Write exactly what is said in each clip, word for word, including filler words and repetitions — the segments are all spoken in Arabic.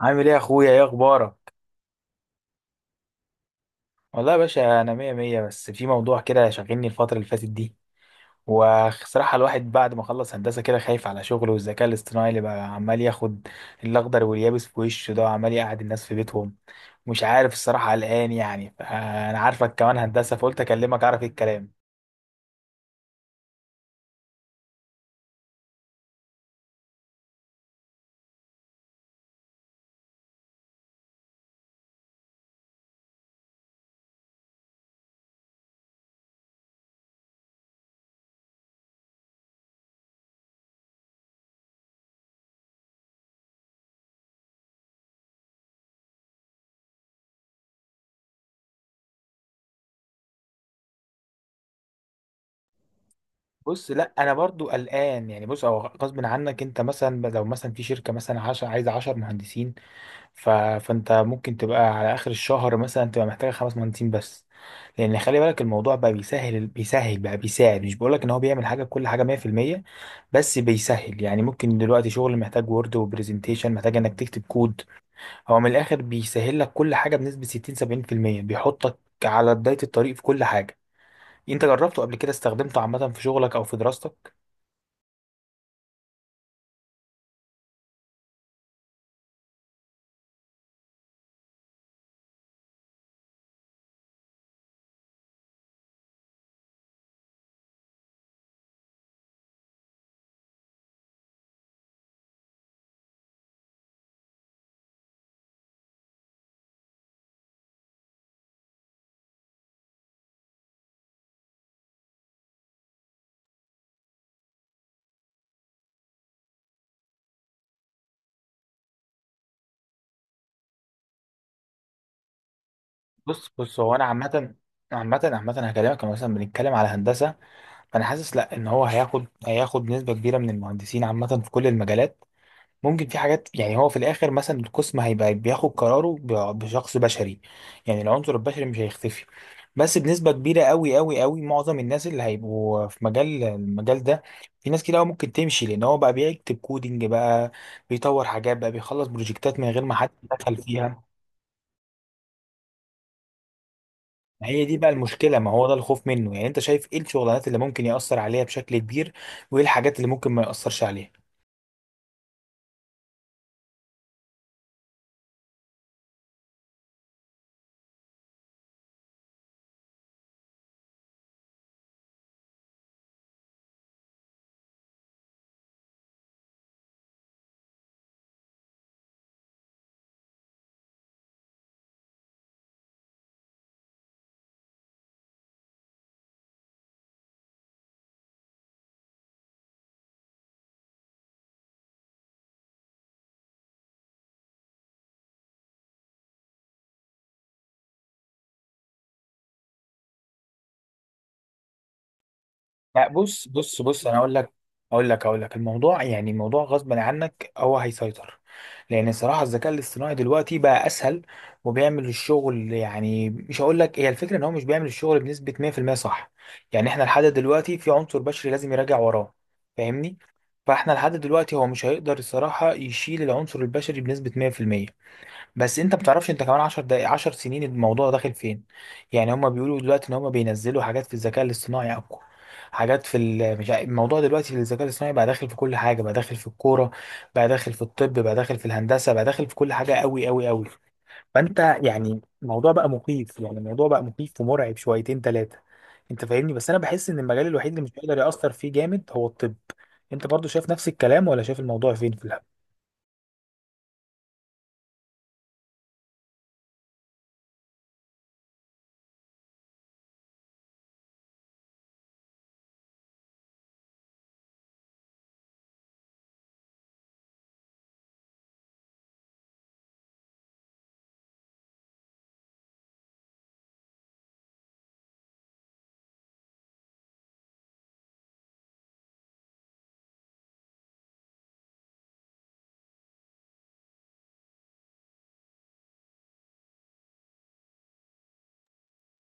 عامل ايه يا اخويا، ايه اخبارك؟ والله يا باشا انا مية مية، بس في موضوع كده شاغلني الفترة اللي فاتت دي. وصراحة الواحد بعد ما خلص هندسة كده خايف على شغله، والذكاء الاصطناعي اللي بقى عمال ياخد الاخضر واليابس في وشه ده، وعمال يقعد الناس في بيتهم. مش عارف الصراحة، قلقان يعني. انا عارفك كمان هندسة فقلت اكلمك اعرف ايه الكلام. بص، لا انا برضو قلقان يعني. بص، هو غصب عنك، انت مثلا لو مثلا في شركة مثلا عش- عايزة 10 مهندسين، ف... فانت ممكن تبقى على اخر الشهر مثلا تبقى محتاج خمس مهندسين بس. لان خلي بالك الموضوع بقى بيسهل بيسهل بقى بيساعد. مش بقولك ان هو بيعمل حاجه بكل حاجه مية في المية، بس بيسهل يعني. ممكن دلوقتي شغل محتاج وورد وبرزنتيشن، محتاج انك تكتب كود. هو من الاخر بيسهل لك كل حاجه بنسبه ستين سبعين في المية. بيحطك على بدايه الطريق في كل حاجه. انت جربته قبل كده؟ استخدمته عامه في شغلك او في دراستك؟ بص بص هو انا عامه عامة عامة هكلمك. أنا مثلا بنتكلم على هندسة. انا حاسس، لا، ان هو هياخد هياخد نسبه كبيره من المهندسين عامه في كل المجالات. ممكن في حاجات يعني. هو في الاخر مثلا القسم هيبقى بياخد قراره ب- بشخص بشري، يعني العنصر البشري مش هيختفي، بس بنسبه كبيره قوي قوي قوي معظم الناس اللي هيبقوا في مجال المجال ده. في ناس كده أوي ممكن تمشي، لان هو بقى بيكتب كودينج، بقى بيطور حاجات، بقى بيخلص بروجكتات من غير ما حد يتدخل فيها. ما هي دي بقى المشكله، ما هو ده الخوف منه. يعني انت شايف ايه الشغلانات اللي ممكن ياثر عليها بشكل كبير، وايه الحاجات اللي ممكن ما ياثرش عليها؟ لا، بص بص بص انا اقول لك اقول لك اقول لك الموضوع يعني موضوع غصب عنك، هو هيسيطر. لان الصراحه الذكاء الاصطناعي دلوقتي بقى اسهل وبيعمل الشغل. يعني مش هقول لك، هي الفكره ان هو مش بيعمل الشغل بنسبه مية في المية صح. يعني احنا لحد دلوقتي في عنصر بشري لازم يراجع وراه، فاهمني؟ فاحنا لحد دلوقتي هو مش هيقدر الصراحه يشيل العنصر البشري بنسبه مية في المية. بس انت بتعرفش انت كمان عشر دقايق عشر سنين الموضوع داخل فين. يعني هما بيقولوا دلوقتي ان هما بينزلوا حاجات في الذكاء الاصطناعي اقوى، حاجات في ال- مش عارف- الموضوع دلوقتي في الذكاء الاصطناعي بقى داخل في كل حاجه، بقى داخل في الكوره، بقى داخل في الطب، بقى داخل في الهندسه، بقى داخل في كل حاجه قوي قوي قوي. فانت يعني الموضوع بقى مخيف، يعني الموضوع بقى مخيف ومرعب شويتين ثلاثه. انت فاهمني؟ بس انا بحس ان المجال الوحيد اللي مش هيقدر ياثر فيه جامد هو الطب. انت برضو شايف نفس الكلام، ولا شايف الموضوع فين في؟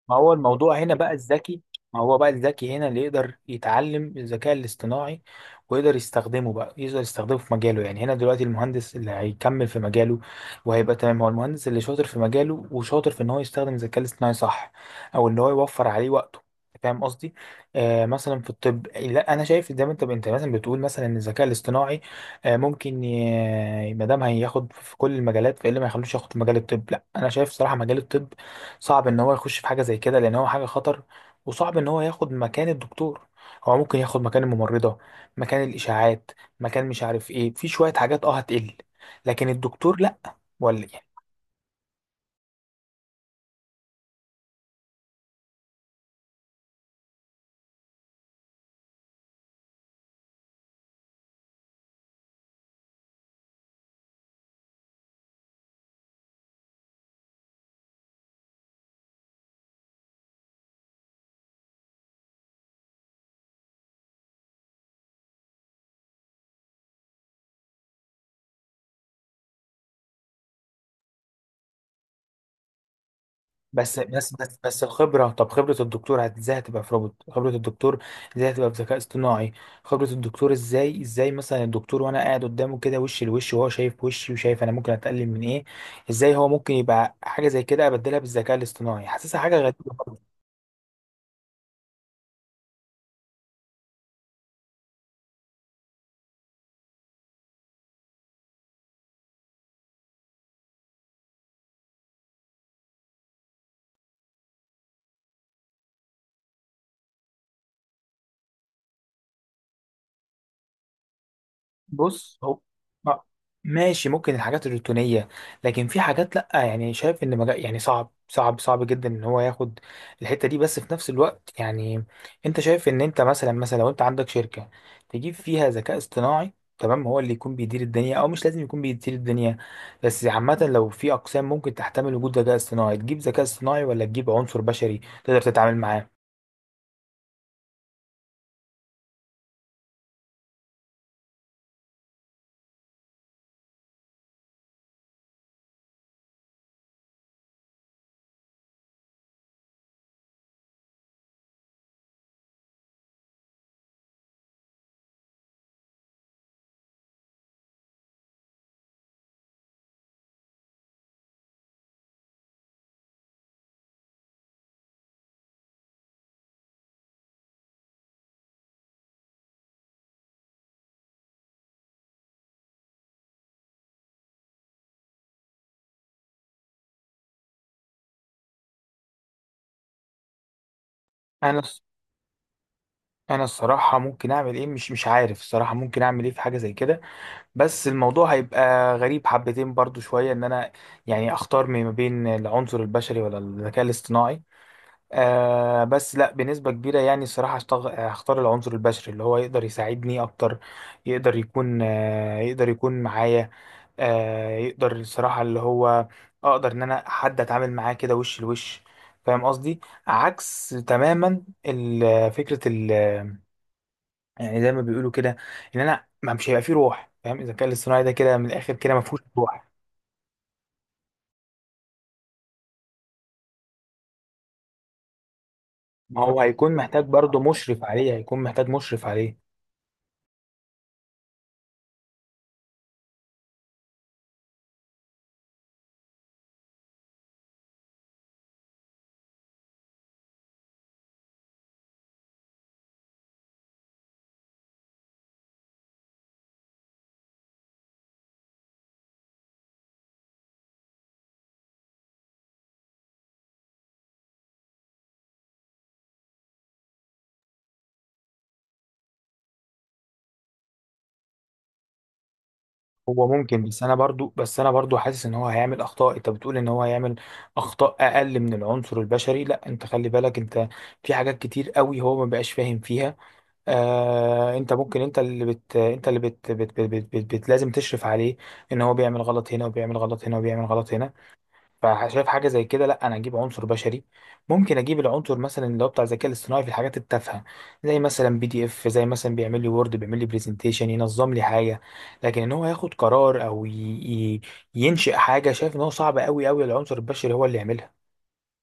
ما هو الموضوع هنا بقى الذكي، ما هو بقى الذكي هنا اللي يقدر يتعلم الذكاء الاصطناعي، ويقدر يستخدمه. بقى يقدر يستخدمه في مجاله، يعني هنا دلوقتي المهندس اللي هيكمل في مجاله وهيبقى تمام، هو المهندس اللي شاطر في مجاله وشاطر في ان هو يستخدم الذكاء الاصطناعي، صح؟ او ان هو يوفر عليه وقته. فاهم قصدي؟ آه مثلا في الطب، لا انا شايف زي ما انت انت مثلا بتقول، مثلا ان الذكاء الاصطناعي آه ممكن ي- ما دام هياخد في كل المجالات، فايه اللي ما يخلوش ياخد في مجال الطب؟ لا انا شايف صراحة مجال الطب صعب ان هو يخش في حاجه زي كده، لان هو حاجه خطر. وصعب ان هو ياخد مكان الدكتور. هو ممكن ياخد مكان الممرضه، مكان الاشاعات، مكان مش عارف ايه، في شويه حاجات اه هتقل، لكن الدكتور لا. ولا يعني. بس بس بس بس الخبره، طب خبره الدكتور هت- ازاي هتبقى في روبوت؟ خبره الدكتور ازاي هتبقى في ذكاء اصطناعي؟ خبره الدكتور ازاي ازاي مثلا الدكتور وانا قاعد قدامه كده وش لوش، وهو شايف وشي وشايف انا ممكن اتقلل من ايه. ازاي هو ممكن يبقى حاجه زي كده ابدلها بالذكاء الاصطناعي؟ حاسسها حاجه غريبه. بص هو، آه، ماشي، ممكن الحاجات الروتينية، لكن في حاجات لأ. يعني شايف إن مجال يعني صعب صعب صعب جدا إن هو ياخد الحتة دي. بس في نفس الوقت يعني، أنت شايف إن أنت مثلا، مثلا لو أنت عندك شركة تجيب فيها ذكاء اصطناعي، تمام، هو اللي يكون بيدير الدنيا، أو مش لازم يكون بيدير الدنيا. بس عامة لو في أقسام ممكن تحتمل وجود ذكاء اصطناعي، تجيب ذكاء اصطناعي ولا تجيب عنصر بشري تقدر تتعامل معاه؟ أنا الص- أنا الصراحة ممكن أعمل إيه؟ مش مش عارف الصراحة ممكن أعمل إيه في حاجة زي كده. بس الموضوع هيبقى غريب حبتين برضو شوية، ان انا يعني اختار ما بين العنصر البشري ولا الذكاء الاصطناعي. آه بس لا، بنسبة كبيرة يعني الصراحة هشتغ- هختار العنصر البشري، اللي هو يقدر يساعدني اكتر، يقدر يكون آه يقدر يكون معايا، آه يقدر الصراحة اللي هو اقدر ان انا حد اتعامل معاه كده وش لوش. فاهم قصدي؟ عكس تماما ال- فكرة، يعني زي ما بيقولوا كده، ان انا ما مش هيبقى فيه روح، فاهم؟ الذكاء الاصطناعي ده كده من الاخر كده ما فيهوش روح. ما هو هيكون محتاج برضه مشرف عليه، هيكون محتاج مشرف عليه هو ممكن، بس انا برضه بس انا برضه حاسس ان هو هيعمل اخطاء. انت بتقول ان هو هيعمل اخطاء اقل من العنصر البشري، لا انت خلي بالك، انت في حاجات كتير قوي هو ما بقاش فاهم فيها. آه، انت ممكن، انت اللي بت انت اللي بت, بت, بت, بت, بت, بت لازم تشرف عليه، ان هو بيعمل غلط هنا وبيعمل غلط هنا وبيعمل غلط هنا. فشايف حاجه زي كده، لا انا اجيب عنصر بشري. ممكن اجيب العنصر مثلا اللي هو بتاع الذكاء الاصطناعي في الحاجات التافهه، زي مثلا بي دي اف، زي مثلا بيعمل لي وورد، بيعمل لي برزنتيشن، ينظم لي حاجه. لكن ان هو ياخد قرار او ي... ي... ينشئ حاجه، شايف ان هو صعب قوي قوي، العنصر البشري هو اللي يعملها،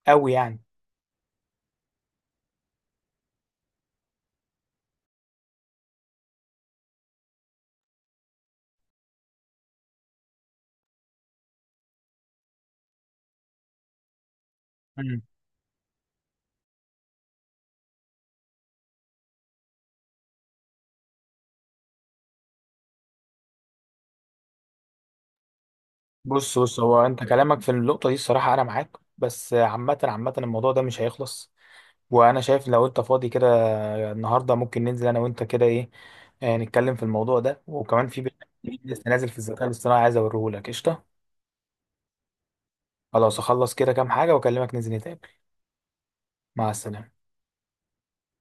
قوي يعني. مم. بص بص هو انت كلامك في النقطه دي الصراحه انا معاك. بس عامه عامه الموضوع ده مش هيخلص. وانا شايف لو انت فاضي كده النهارده، ممكن ننزل انا وانت كده، ايه؟ آه، نتكلم في الموضوع ده، وكمان في برنامج جديد لسه نازل في الذكاء الاصطناعي عايز اوريهولك. قشطه؟ خلاص، اخلص كده كام حاجه واكلمك ننزل نتقابل. مع السلامه.